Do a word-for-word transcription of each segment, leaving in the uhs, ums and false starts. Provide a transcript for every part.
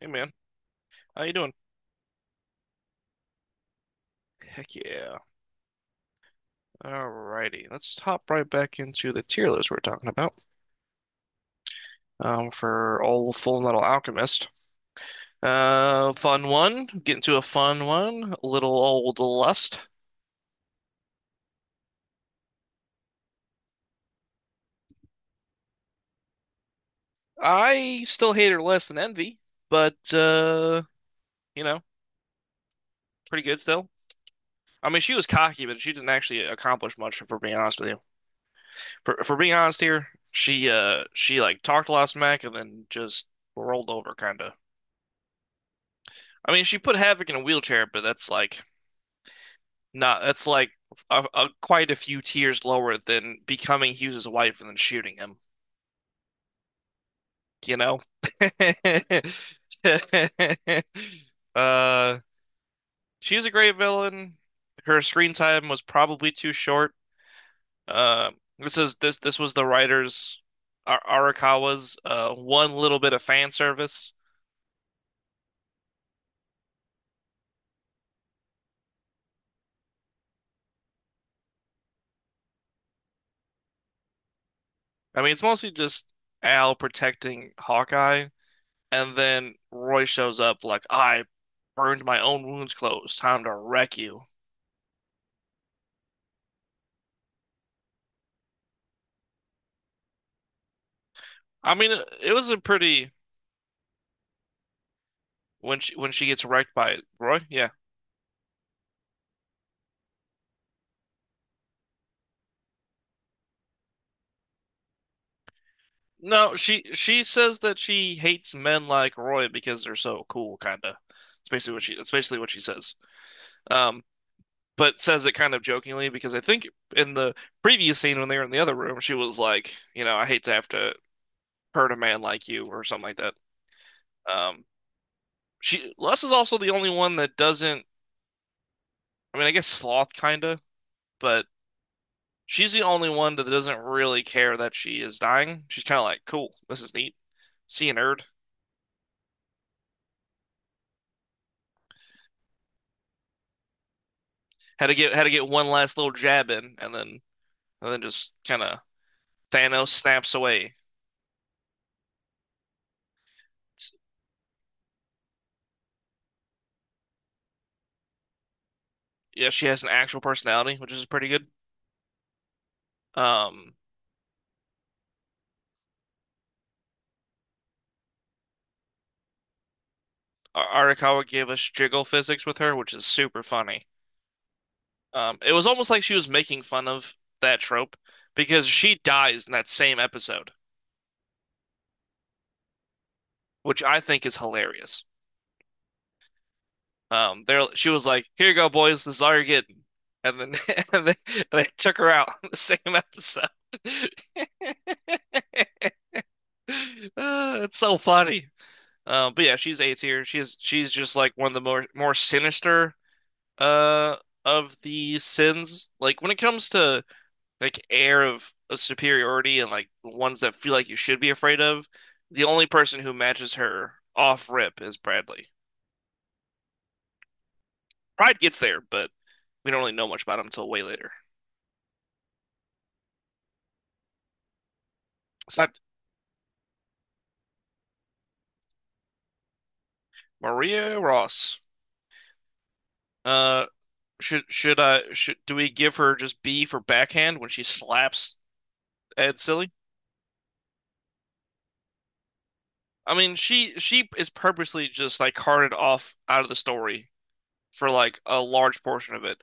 Hey man, how you doing? Heck yeah. Alrighty, let's hop right back into the tier list we're talking about um, for old Full Metal Alchemist. Uh, fun one. Get into a fun one. Little old Lust. I still hate her less than Envy, but uh, you know, pretty good still. I mean, she was cocky, but she didn't actually accomplish much. If we're being honest with you, for for being honest here, she uh she like talked a lot of smack and then just rolled over, kind of. I mean, she put Havoc in a wheelchair, but that's like no, that's like a, a, quite a few tiers lower than becoming Hughes's wife and then shooting him, you know? Uh, she's a great villain. Her screen time was probably too short. Uh, this is this this was the writers Ar Arakawa's uh, one little bit of fan service. I mean, it's mostly just Al protecting Hawkeye, and then Roy shows up like, I burned my own wounds closed. Time to wreck you. I mean, it was a pretty when she when she gets wrecked by it, Roy. Yeah. No, she she says that she hates men like Roy because they're so cool, kinda. It's basically what she that's basically what she says. Um, but says it kind of jokingly because I think in the previous scene when they were in the other room, she was like, you know, I hate to have to hurt a man like you or something like that. Um, she Les is also the only one that doesn't. I mean, I guess sloth kinda, but she's the only one that doesn't really care that she is dying. She's kind of like, cool, this is neat. See you, nerd. Had to get had to get one last little jab in, and then and then just kind of Thanos snaps away. Yeah, she has an actual personality, which is pretty good. Um, Ar- Arakawa gave us jiggle physics with her, which is super funny. Um, it was almost like she was making fun of that trope because she dies in that same episode, which I think is hilarious. Um, there she was like, "Here you go, boys. This is all you're getting." And then and they, they took her out in the same episode. Uh, it's so funny. Um, but yeah, she's A tier. She's she's just like one of the more more sinister uh of the sins. Like when it comes to like air of, of superiority and like ones that feel like you should be afraid of, the only person who matches her off rip is Bradley. Pride gets there, but we don't really know much about him until way later. It's not Maria Ross. Uh, should should I should do we give her just B for backhand when she slaps Ed Silly? I mean, she she is purposely just like carted off out of the story for like a large portion of it.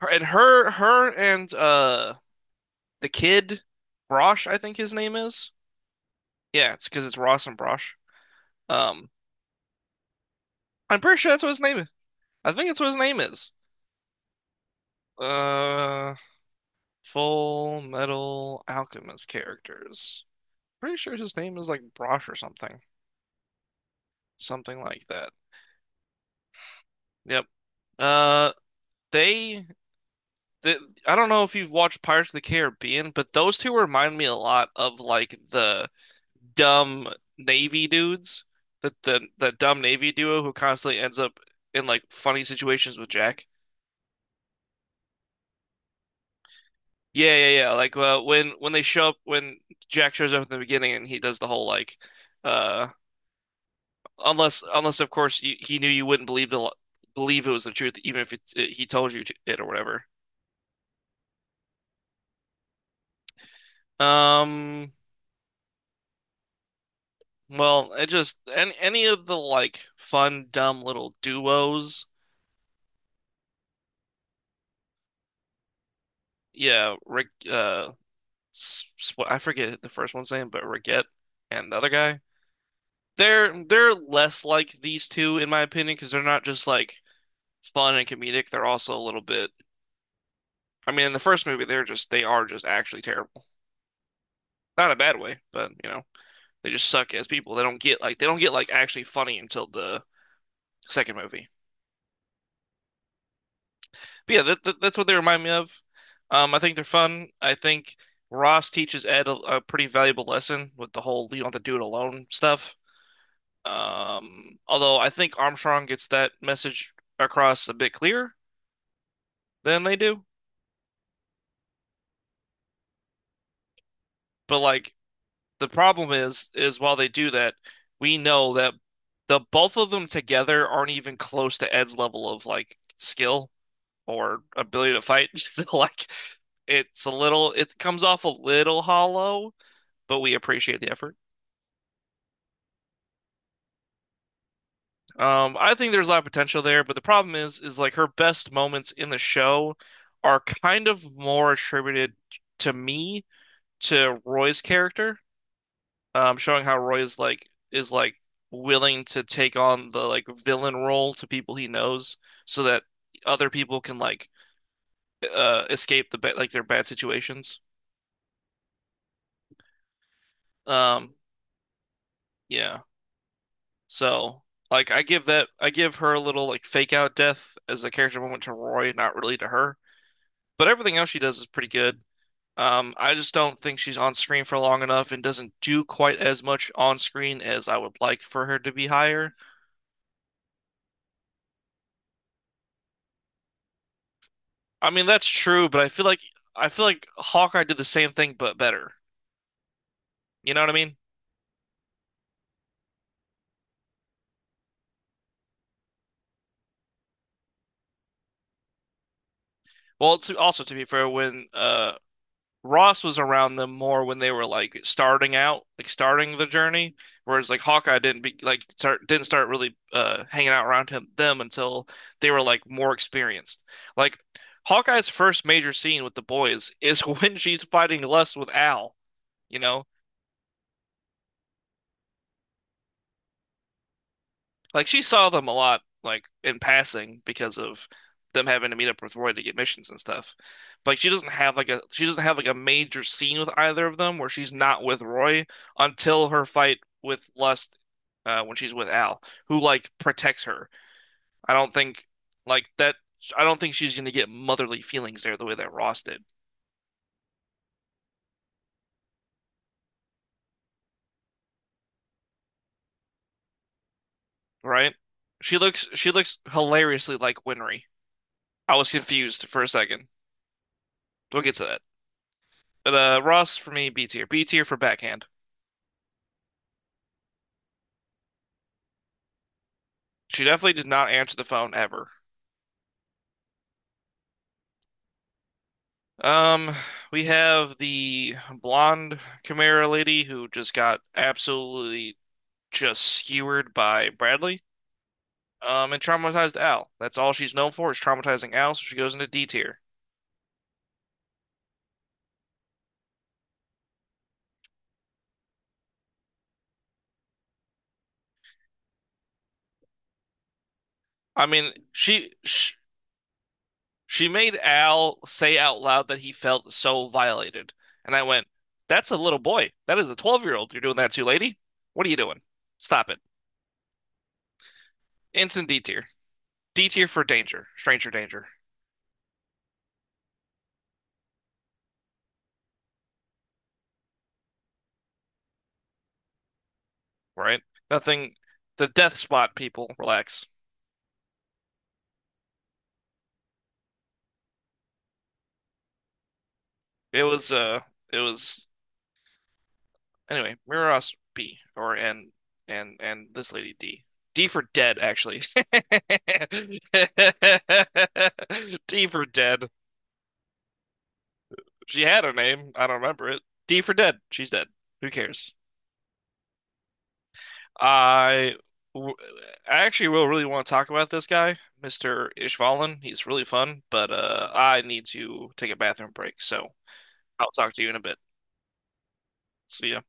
Her, and her her and uh the kid Brosh, I think his name is. Yeah, it's because it's Ross and Brosh. Um, I'm pretty sure that's what his name is. I think that's what his name is. Uh, Full Metal Alchemist characters. Pretty sure his name is like Brosh or something, something like that. Yep. Uh, they, the I don't know if you've watched Pirates of the Caribbean, but those two remind me a lot of like the dumb Navy dudes, the the the dumb Navy duo who constantly ends up in like funny situations with Jack. Yeah, yeah, yeah. Like uh, when when they show up, when Jack shows up in the beginning, and he does the whole like, uh, Unless, unless of course you, he knew you wouldn't believe the believe it was the truth, even if it, it- he told you to, it or whatever. Um, well, it just any any of the like fun, dumb little duos. Yeah, Rick. Uh, sw- I forget the first one's name, but Rickett and the other guy. They're they're less like these two in my opinion because they're not just like fun and comedic. They're also a little bit. I mean, in the first movie, they're just they are just actually terrible. Not a bad way, but you know. They just suck as people. They don't get like they don't get like actually funny until the second movie. But yeah, that, that, that's what they remind me of. Um, I think they're fun. I think Ross teaches Ed a, a pretty valuable lesson with the whole you don't have to do it alone stuff. Um, although I think Armstrong gets that message across a bit clearer than they do. But like the problem is is while they do that, we know that the both of them together aren't even close to Ed's level of like skill. Or ability to fight. Like it's a little, it comes off a little hollow, but we appreciate the effort. Um, I think there's a lot of potential there, but the problem is, is like her best moments in the show are kind of more attributed to me to Roy's character, um, showing how Roy is like is like willing to take on the like villain role to people he knows, so that other people can like uh, escape the ba- like their bad situations. Um, yeah. So, like, I give that, I give her a little like fake out death as a character moment to Roy, not really to her. But everything else she does is pretty good. Um, I just don't think she's on screen for long enough and doesn't do quite as much on screen as I would like for her to be higher. I mean, that's true, but I feel like I feel like Hawkeye did the same thing but better. You know what I mean? Well, to, also to be fair, when uh Ross was around them more when they were like starting out, like starting the journey, whereas like Hawkeye didn't be like start didn't start really uh hanging out around him them until they were like more experienced. Like Hawkeye's first major scene with the boys is when she's fighting lust with Al, you know? Like she saw them a lot, like in passing because of them having to meet up with Roy to get missions and stuff. But like, she doesn't have like a she doesn't have like a major scene with either of them where she's not with Roy until her fight with Lust uh, when she's with Al, who like protects her. I don't think like that. I don't think she's gonna get motherly feelings there the way that Ross did, right? She looks she looks hilariously like Winry. I was confused for a second. We'll get to that. But uh, Ross for me, B tier. B tier for backhand. She definitely did not answer the phone ever. Um, we have the blonde Chimera lady who just got absolutely just skewered by Bradley. Um, and traumatized Al. That's all she's known for is traumatizing Al, so she goes into D tier. I mean, she, she she made Al say out loud that he felt so violated, and I went, "That's a little boy. That is a twelve-year-old. You're doing that to, lady. What are you doing? Stop it." Instant D tier. D tier for danger, stranger danger. Right? Nothing. The death spot people, relax. It was uh, it was anyway. Miraros B or and and and this lady D. D for dead, actually. D for dead. She had a name. I don't remember it. D for dead. She's dead. Who cares? I w- I actually will really want to talk about this guy, mister Ishvalan. He's really fun, but uh, I need to take a bathroom break, so I'll talk to you in a bit. See ya.